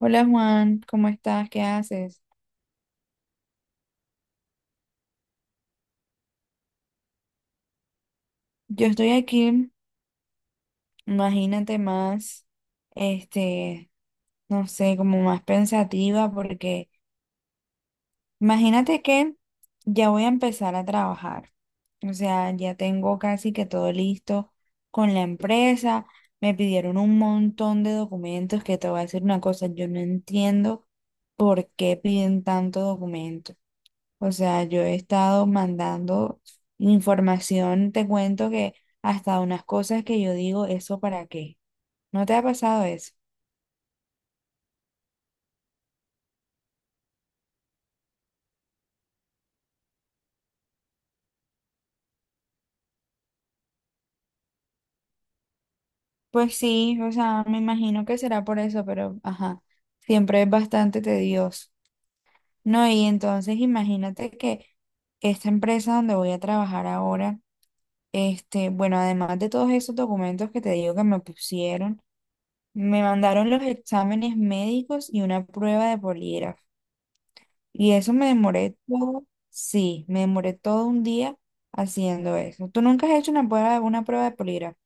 Hola Juan, ¿cómo estás? ¿Qué haces? Yo estoy aquí, imagínate más, este, no sé, como más pensativa porque imagínate que ya voy a empezar a trabajar. O sea, ya tengo casi que todo listo con la empresa. Me pidieron un montón de documentos que te voy a decir una cosa, yo no entiendo por qué piden tanto documento. O sea, yo he estado mandando información, te cuento que hasta unas cosas que yo digo, ¿eso para qué? ¿No te ha pasado eso? Pues sí, o sea, me imagino que será por eso, pero ajá, siempre es bastante tedioso. No, y entonces imagínate que esta empresa donde voy a trabajar ahora, bueno, además de todos esos documentos que te digo que me pusieron, me mandaron los exámenes médicos y una prueba de polígrafo. Y eso me demoré todo, sí, me demoré todo un día haciendo eso. ¿Tú nunca has hecho una prueba de polígrafo?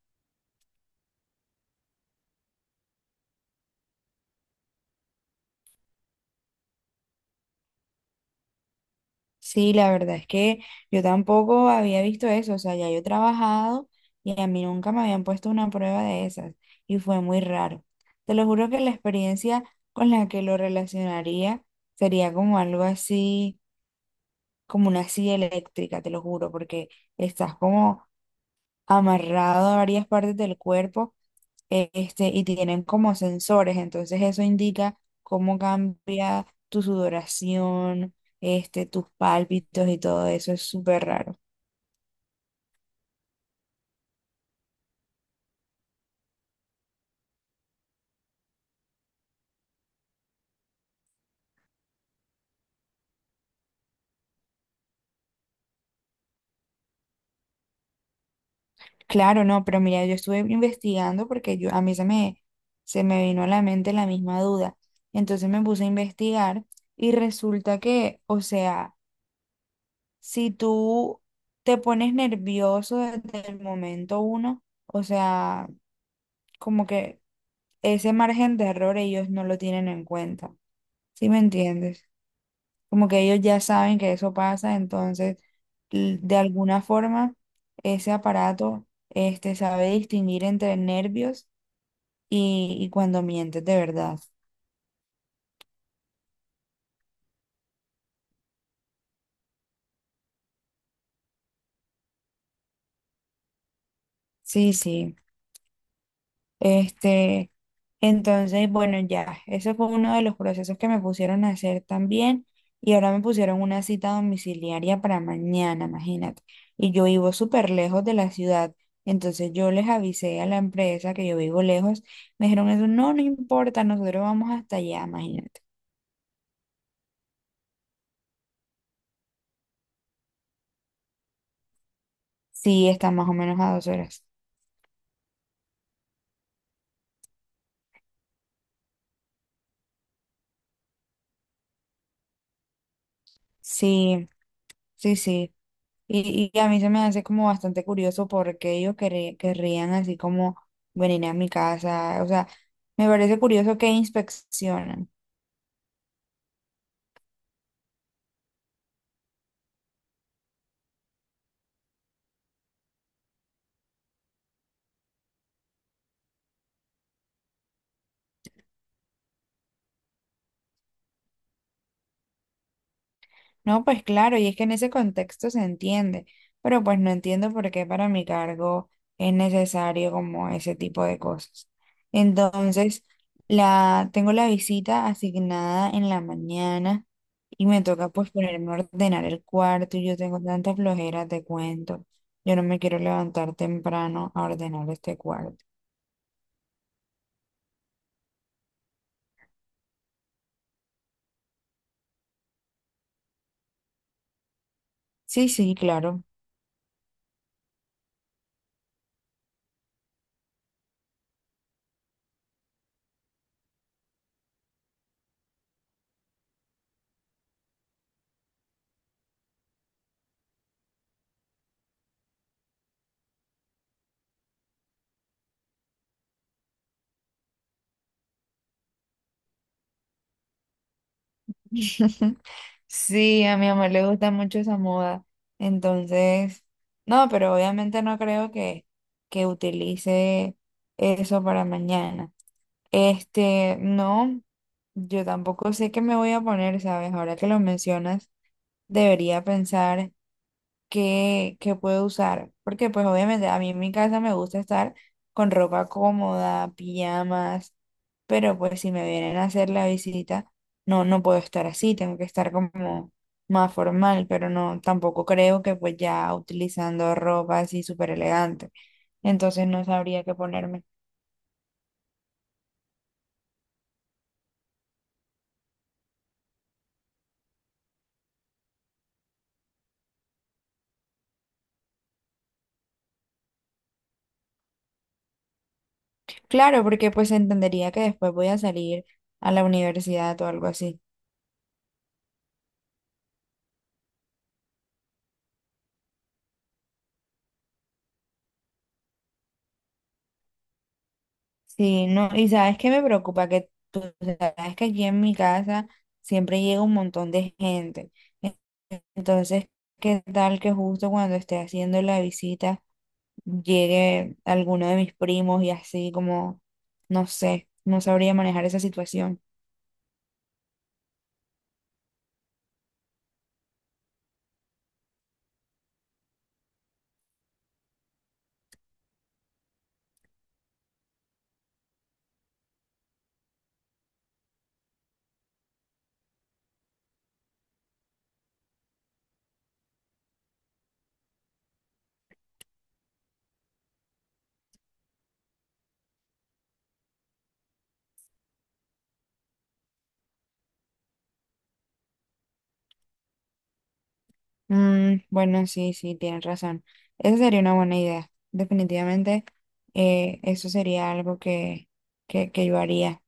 Sí, la verdad es que yo tampoco había visto eso, o sea, ya yo he trabajado y a mí nunca me habían puesto una prueba de esas y fue muy raro. Te lo juro que la experiencia con la que lo relacionaría sería como algo así, como una silla eléctrica, te lo juro, porque estás como amarrado a varias partes del cuerpo y tienen como sensores, entonces eso indica cómo cambia tu sudoración, tus pálpitos y todo eso, es súper raro. Claro, no, pero mira, yo estuve investigando porque yo, a mí se me vino a la mente la misma duda, entonces me puse a investigar y resulta que, o sea, si tú te pones nervioso desde el momento uno, o sea, como que ese margen de error ellos no lo tienen en cuenta. ¿Sí me entiendes? Como que ellos ya saben que eso pasa, entonces de alguna forma ese aparato sabe distinguir entre nervios y cuando mientes de verdad. Sí, sí. Este, entonces, bueno, ya, ese fue uno de los procesos que me pusieron a hacer también. Y ahora me pusieron una cita domiciliaria para mañana, imagínate. Y yo vivo súper lejos de la ciudad. Entonces yo les avisé a la empresa que yo vivo lejos. Me dijeron eso, no, no importa, nosotros vamos hasta allá, imagínate. Sí, está más o menos a dos horas. Sí, sí, sí. Y a mí se me hace como bastante curioso porque ellos querrían así como venir a mi casa. O sea, me parece curioso que inspeccionan. No, pues claro, y es que en ese contexto se entiende, pero pues no entiendo por qué para mi cargo es necesario como ese tipo de cosas. Entonces, tengo la visita asignada en la mañana y me toca pues ponerme a ordenar el cuarto y yo tengo tanta flojera, te cuento. Yo no me quiero levantar temprano a ordenar este cuarto. Sí, sí, claro. Sí, a mi mamá le gusta mucho esa moda. Entonces, no, pero obviamente no creo que utilice eso para mañana. No, yo tampoco sé qué me voy a poner, ¿sabes? Ahora que lo mencionas, debería pensar que puedo usar. Porque pues obviamente a mí en mi casa me gusta estar con ropa cómoda, pijamas, pero pues si me vienen a hacer la visita, no, no puedo estar así, tengo que estar como más formal, pero no, tampoco creo que pues ya utilizando ropa así súper elegante. Entonces no sabría qué ponerme. Claro, porque pues entendería que después voy a salir a la universidad o algo así. Sí, no, y sabes que me preocupa que tú sabes que aquí en mi casa siempre llega un montón de gente. En- Entonces, ¿qué tal que justo cuando esté haciendo la visita llegue alguno de mis primos y así como, no sé, no sabría manejar esa situación? Mm, bueno, sí, sí, tienes razón. Esa sería una buena idea. Definitivamente, eso sería algo que yo haría.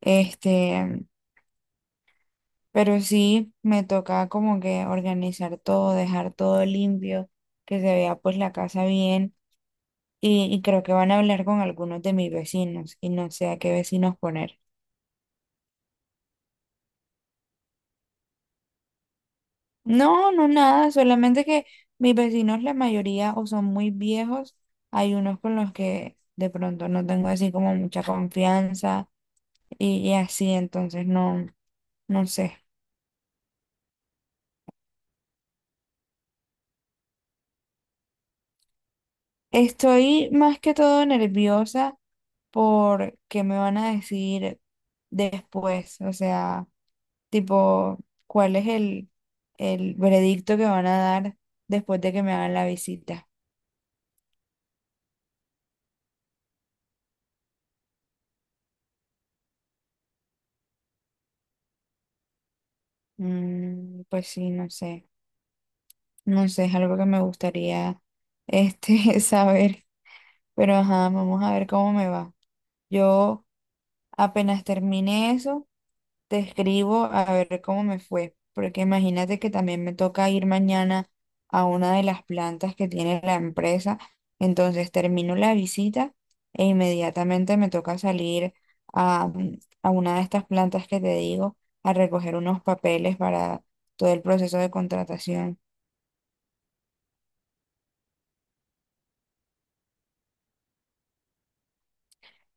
Este. Pero sí me toca como que organizar todo, dejar todo limpio, que se vea pues la casa bien. Y creo que van a hablar con algunos de mis vecinos y no sé a qué vecinos poner. No, no nada, solamente que mis vecinos la mayoría o son muy viejos, hay unos con los que de pronto no tengo así como mucha confianza y así, entonces no, no sé. Estoy más que todo nerviosa por qué me van a decir después, o sea, tipo, cuál es el veredicto que van a dar después de que me hagan la visita. Mm, pues sí, no sé, no sé, es algo que me gustaría saber, pero ajá, vamos a ver cómo me va. Yo apenas termine eso, te escribo a ver cómo me fue, porque imagínate que también me toca ir mañana a una de las plantas que tiene la empresa, entonces termino la visita e inmediatamente me toca salir a, a una de estas plantas que te digo a recoger unos papeles para todo el proceso de contratación.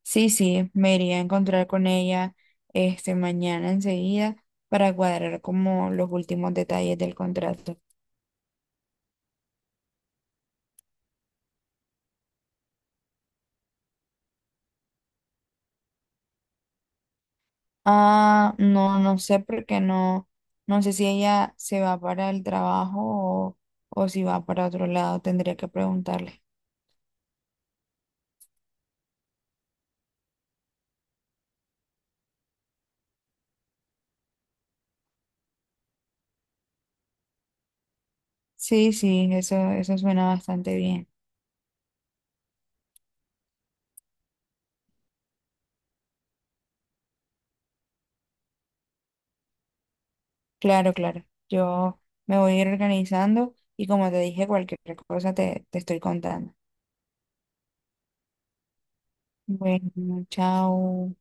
Sí, sí, me iría a encontrar con ella este mañana enseguida para cuadrar como los últimos detalles del contrato. Ah, no sé porque no sé si ella se va para el trabajo o si va para otro lado, tendría que preguntarle. Sí, sí, eso suena bastante bien. Claro, claro. Yo me voy a ir organizando y como te dije, cualquier cosa te estoy contando. Bueno, chao.